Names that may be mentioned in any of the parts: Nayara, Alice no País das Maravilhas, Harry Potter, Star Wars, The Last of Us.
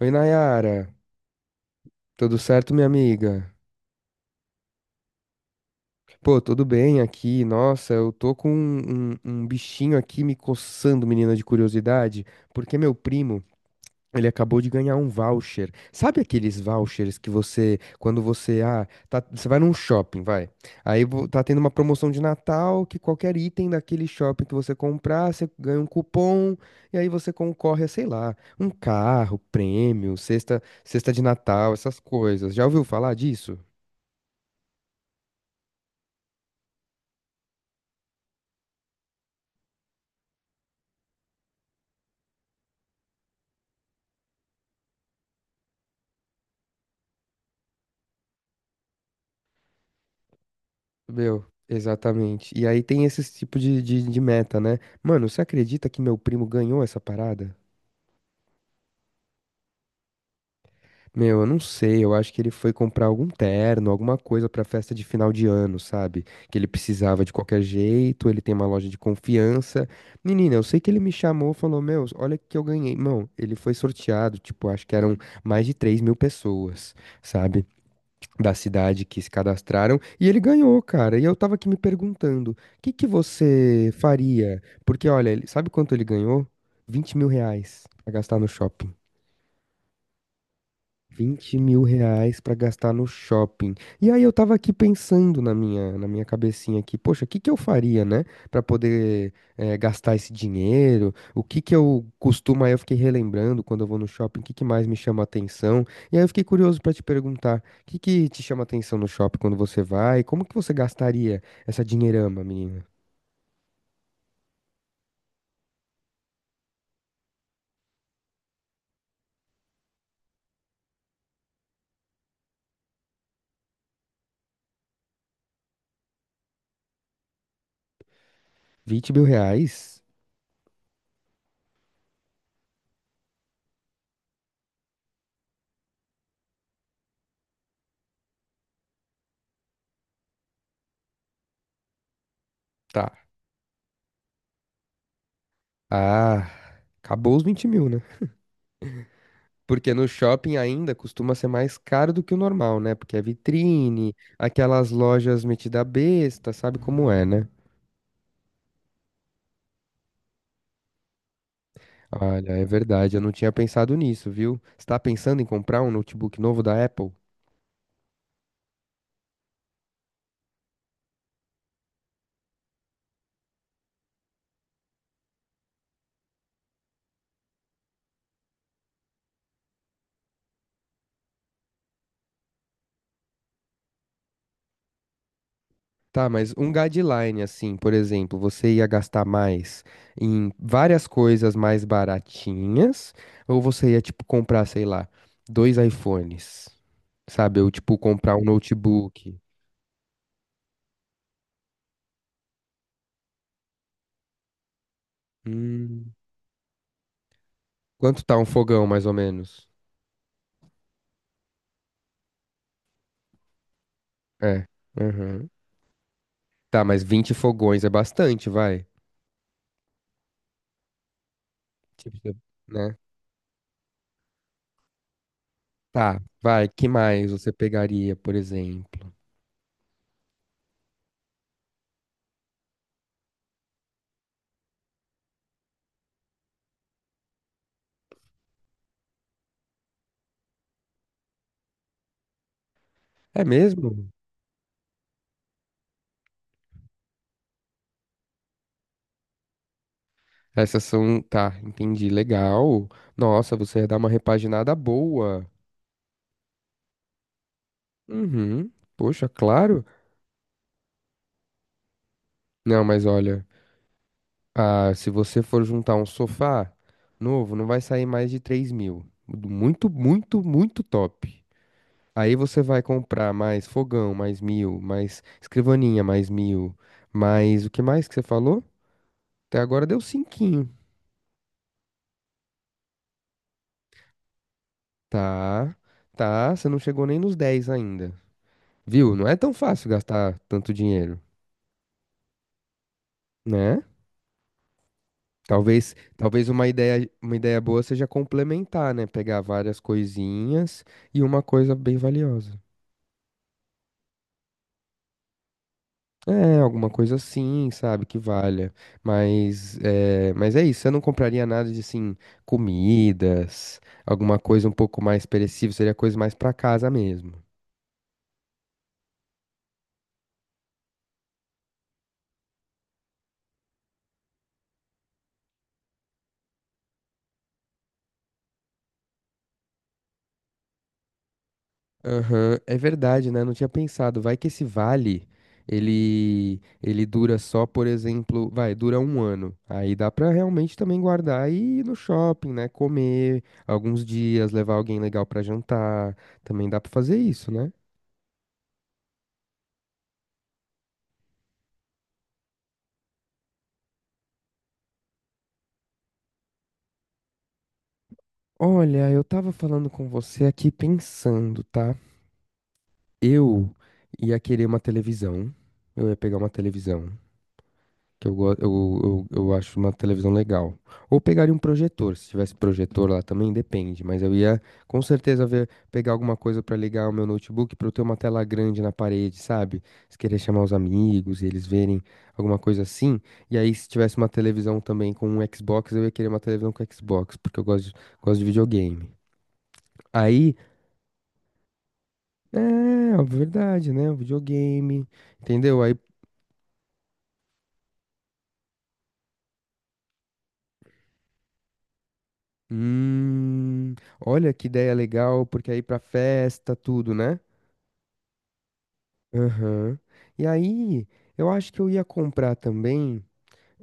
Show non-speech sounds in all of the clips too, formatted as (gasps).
Oi, Nayara. Tudo certo, minha amiga? Pô, tudo bem aqui. Nossa, eu tô com um bichinho aqui me coçando, menina, de curiosidade, porque meu primo, ele acabou de ganhar um voucher. Sabe aqueles vouchers que você, quando você, ah, tá- você vai num shopping, vai. Aí tá tendo uma promoção de Natal que qualquer item daquele shopping que você comprar, você ganha um cupom e aí você concorre a, sei lá, um carro, prêmio, cesta de Natal, essas coisas. Já ouviu falar disso? Meu, exatamente. E aí tem esse tipo de meta, né? Mano, você acredita que meu primo ganhou essa parada? Meu, eu não sei, eu acho que ele foi comprar algum terno, alguma coisa pra festa de final de ano, sabe? Que ele precisava de qualquer jeito, ele tem uma loja de confiança. Menina, eu sei que ele me chamou, falou, meu, olha o que eu ganhei. Mão, ele foi sorteado, tipo, acho que eram mais de 3.000 pessoas, sabe? Da cidade que se cadastraram e ele ganhou, cara. E eu tava aqui me perguntando, o que que você faria? Porque, olha, sabe quanto ele ganhou? R$ 20.000 pra gastar no shopping. R$ 20.000 pra gastar no shopping. E aí eu tava aqui pensando na minha cabecinha aqui, poxa, o que que eu faria, né, pra poder gastar esse dinheiro? O que que eu costumo? Aí eu fiquei relembrando quando eu vou no shopping, o que que mais me chama atenção? E aí eu fiquei curioso pra te perguntar, o que que te chama atenção no shopping quando você vai? Como que você gastaria essa dinheirama, menina? R$ 20.000? Tá. Ah, acabou os 20.000, né? Porque no shopping ainda costuma ser mais caro do que o normal, né? Porque é vitrine, aquelas lojas metida besta, sabe como é, né? Olha, é verdade, eu não tinha pensado nisso, viu? Você tá pensando em comprar um notebook novo da Apple? Tá, mas um guideline, assim, por exemplo, você ia gastar mais em várias coisas mais baratinhas, ou você ia, tipo, comprar, sei lá, dois iPhones, sabe? Ou, tipo, comprar um notebook. Hum, quanto tá um fogão, mais ou menos? É. Aham. Tá, mas 20 fogões é bastante, vai. Tipo, né? Tá, vai. Que mais você pegaria, por exemplo? É mesmo? Essas são. Tá, entendi. Legal. Nossa, você ia dar uma repaginada boa. Uhum. Poxa, claro. Não, mas olha, se você for juntar um sofá novo, não vai sair mais de 3.000. Muito, muito, muito top. Aí você vai comprar mais fogão, mais 1.000, mais escrivaninha, mais 1.000, mais o que mais que você falou? Até agora deu cinquinho. Tá, tá, você não chegou nem nos 10 ainda. Viu? Não é tão fácil gastar tanto dinheiro, né? Talvez uma ideia boa seja complementar, né? Pegar várias coisinhas e uma coisa bem valiosa. É, alguma coisa assim, sabe, que valha. Mas é isso, você não compraria nada de, assim, comidas, alguma coisa um pouco mais perecível, seria coisa mais pra casa mesmo. Aham, é verdade, né? Não tinha pensado. Vai que esse vale, ele dura só, por exemplo, vai, dura um ano. Aí dá pra realmente também guardar e ir no shopping, né? Comer alguns dias, levar alguém legal pra jantar. Também dá pra fazer isso, né? Olha, eu tava falando com você aqui pensando, tá? Eu ia querer uma televisão. Eu ia pegar uma televisão, que eu, go- eu acho uma televisão legal. Ou pegaria um projetor, se tivesse projetor lá também, depende. Mas eu ia com certeza ver, pegar alguma coisa pra ligar o meu notebook pra eu ter uma tela grande na parede, sabe? Se querer chamar os amigos e eles verem alguma coisa assim. E aí, se tivesse uma televisão também com um Xbox, eu ia querer uma televisão com Xbox, porque eu gosto de videogame. Aí é, ó, verdade, né? Videogame, entendeu? Aí, hum, olha que ideia legal, porque aí pra festa, tudo, né? Aham. E aí, eu acho que eu ia comprar também.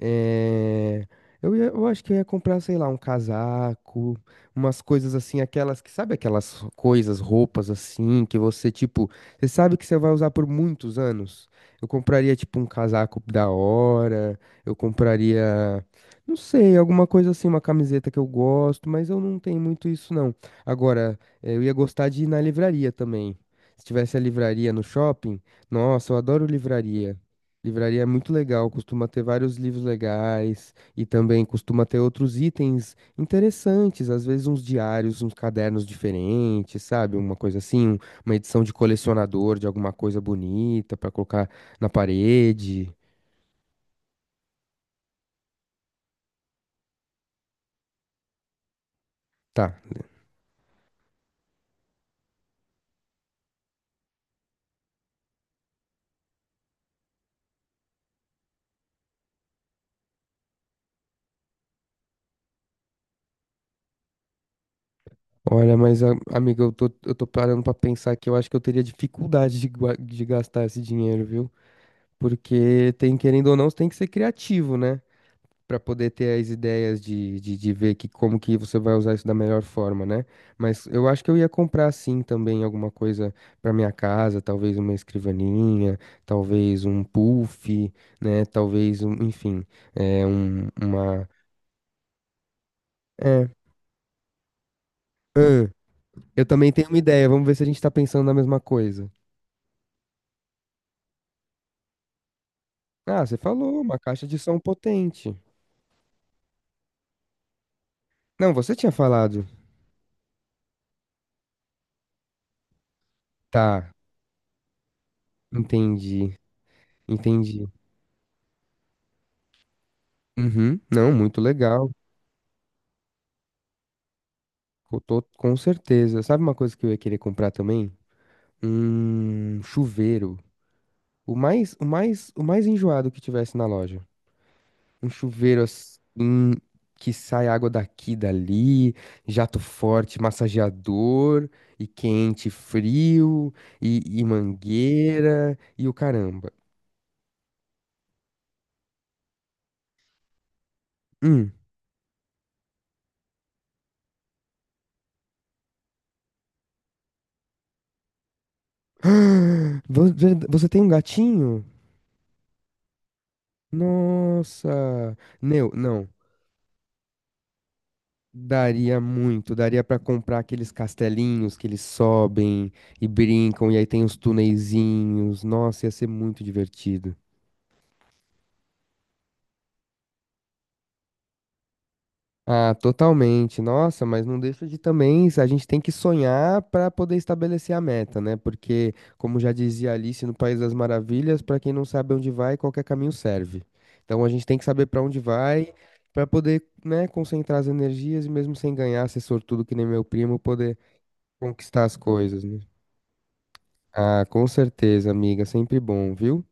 É. Eu acho que eu ia comprar, sei lá, um casaco, umas coisas assim, aquelas que, sabe aquelas coisas, roupas assim, que você, tipo, você sabe que você vai usar por muitos anos? Eu compraria, tipo, um casaco da hora, eu compraria, não sei, alguma coisa assim, uma camiseta que eu gosto, mas eu não tenho muito isso, não. Agora, eu ia gostar de ir na livraria também. Se tivesse a livraria no shopping, nossa, eu adoro livraria. Livraria é muito legal, costuma ter vários livros legais e também costuma ter outros itens interessantes, às vezes uns diários, uns cadernos diferentes, sabe? Uma coisa assim, uma edição de colecionador de alguma coisa bonita pra colocar na parede. Tá. Olha, mas amiga, eu tô parando pra pensar que eu acho que eu teria dificuldade de gastar esse dinheiro, viu? Porque tem, querendo ou não, você tem que ser criativo, né? Para poder ter as ideias de ver que como que você vai usar isso da melhor forma, né? Mas eu acho que eu ia comprar sim também alguma coisa para minha casa, talvez uma escrivaninha, talvez um puff, né? Talvez um, enfim, é um, uma é, ahn, eu também tenho uma ideia, vamos ver se a gente tá pensando na mesma coisa. Ah, você falou, uma caixa de som potente. Não, você tinha falado. Tá, entendi, entendi. Uhum, não, muito legal. Eu tô com certeza. Sabe uma coisa que eu ia querer comprar também? Um chuveiro. O mais enjoado que tivesse na loja. Um chuveiro assim que sai água daqui, dali, jato forte, massageador, e quente, frio, e mangueira, e o caramba. Hum. (gasps) Você tem um gatinho? Nossa! Meu, não. Daria muito, daria pra comprar aqueles castelinhos que eles sobem e brincam, e aí tem os tuneizinhos. Nossa, ia ser muito divertido. Ah, totalmente. Nossa, mas não deixa de também, a gente tem que sonhar para poder estabelecer a meta, né? Porque, como já dizia Alice no País das Maravilhas, para quem não sabe onde vai, qualquer caminho serve. Então a gente tem que saber para onde vai para poder, né, concentrar as energias e mesmo sem ganhar, ser sortudo que nem meu primo, poder conquistar as coisas, né? Ah, com certeza, amiga, sempre bom, viu?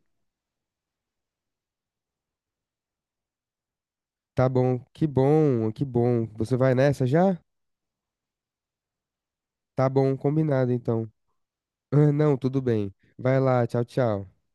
Tá bom, que bom, que bom. Você vai nessa já? Tá bom, combinado então. (laughs) Não, tudo bem. Vai lá, tchau, tchau.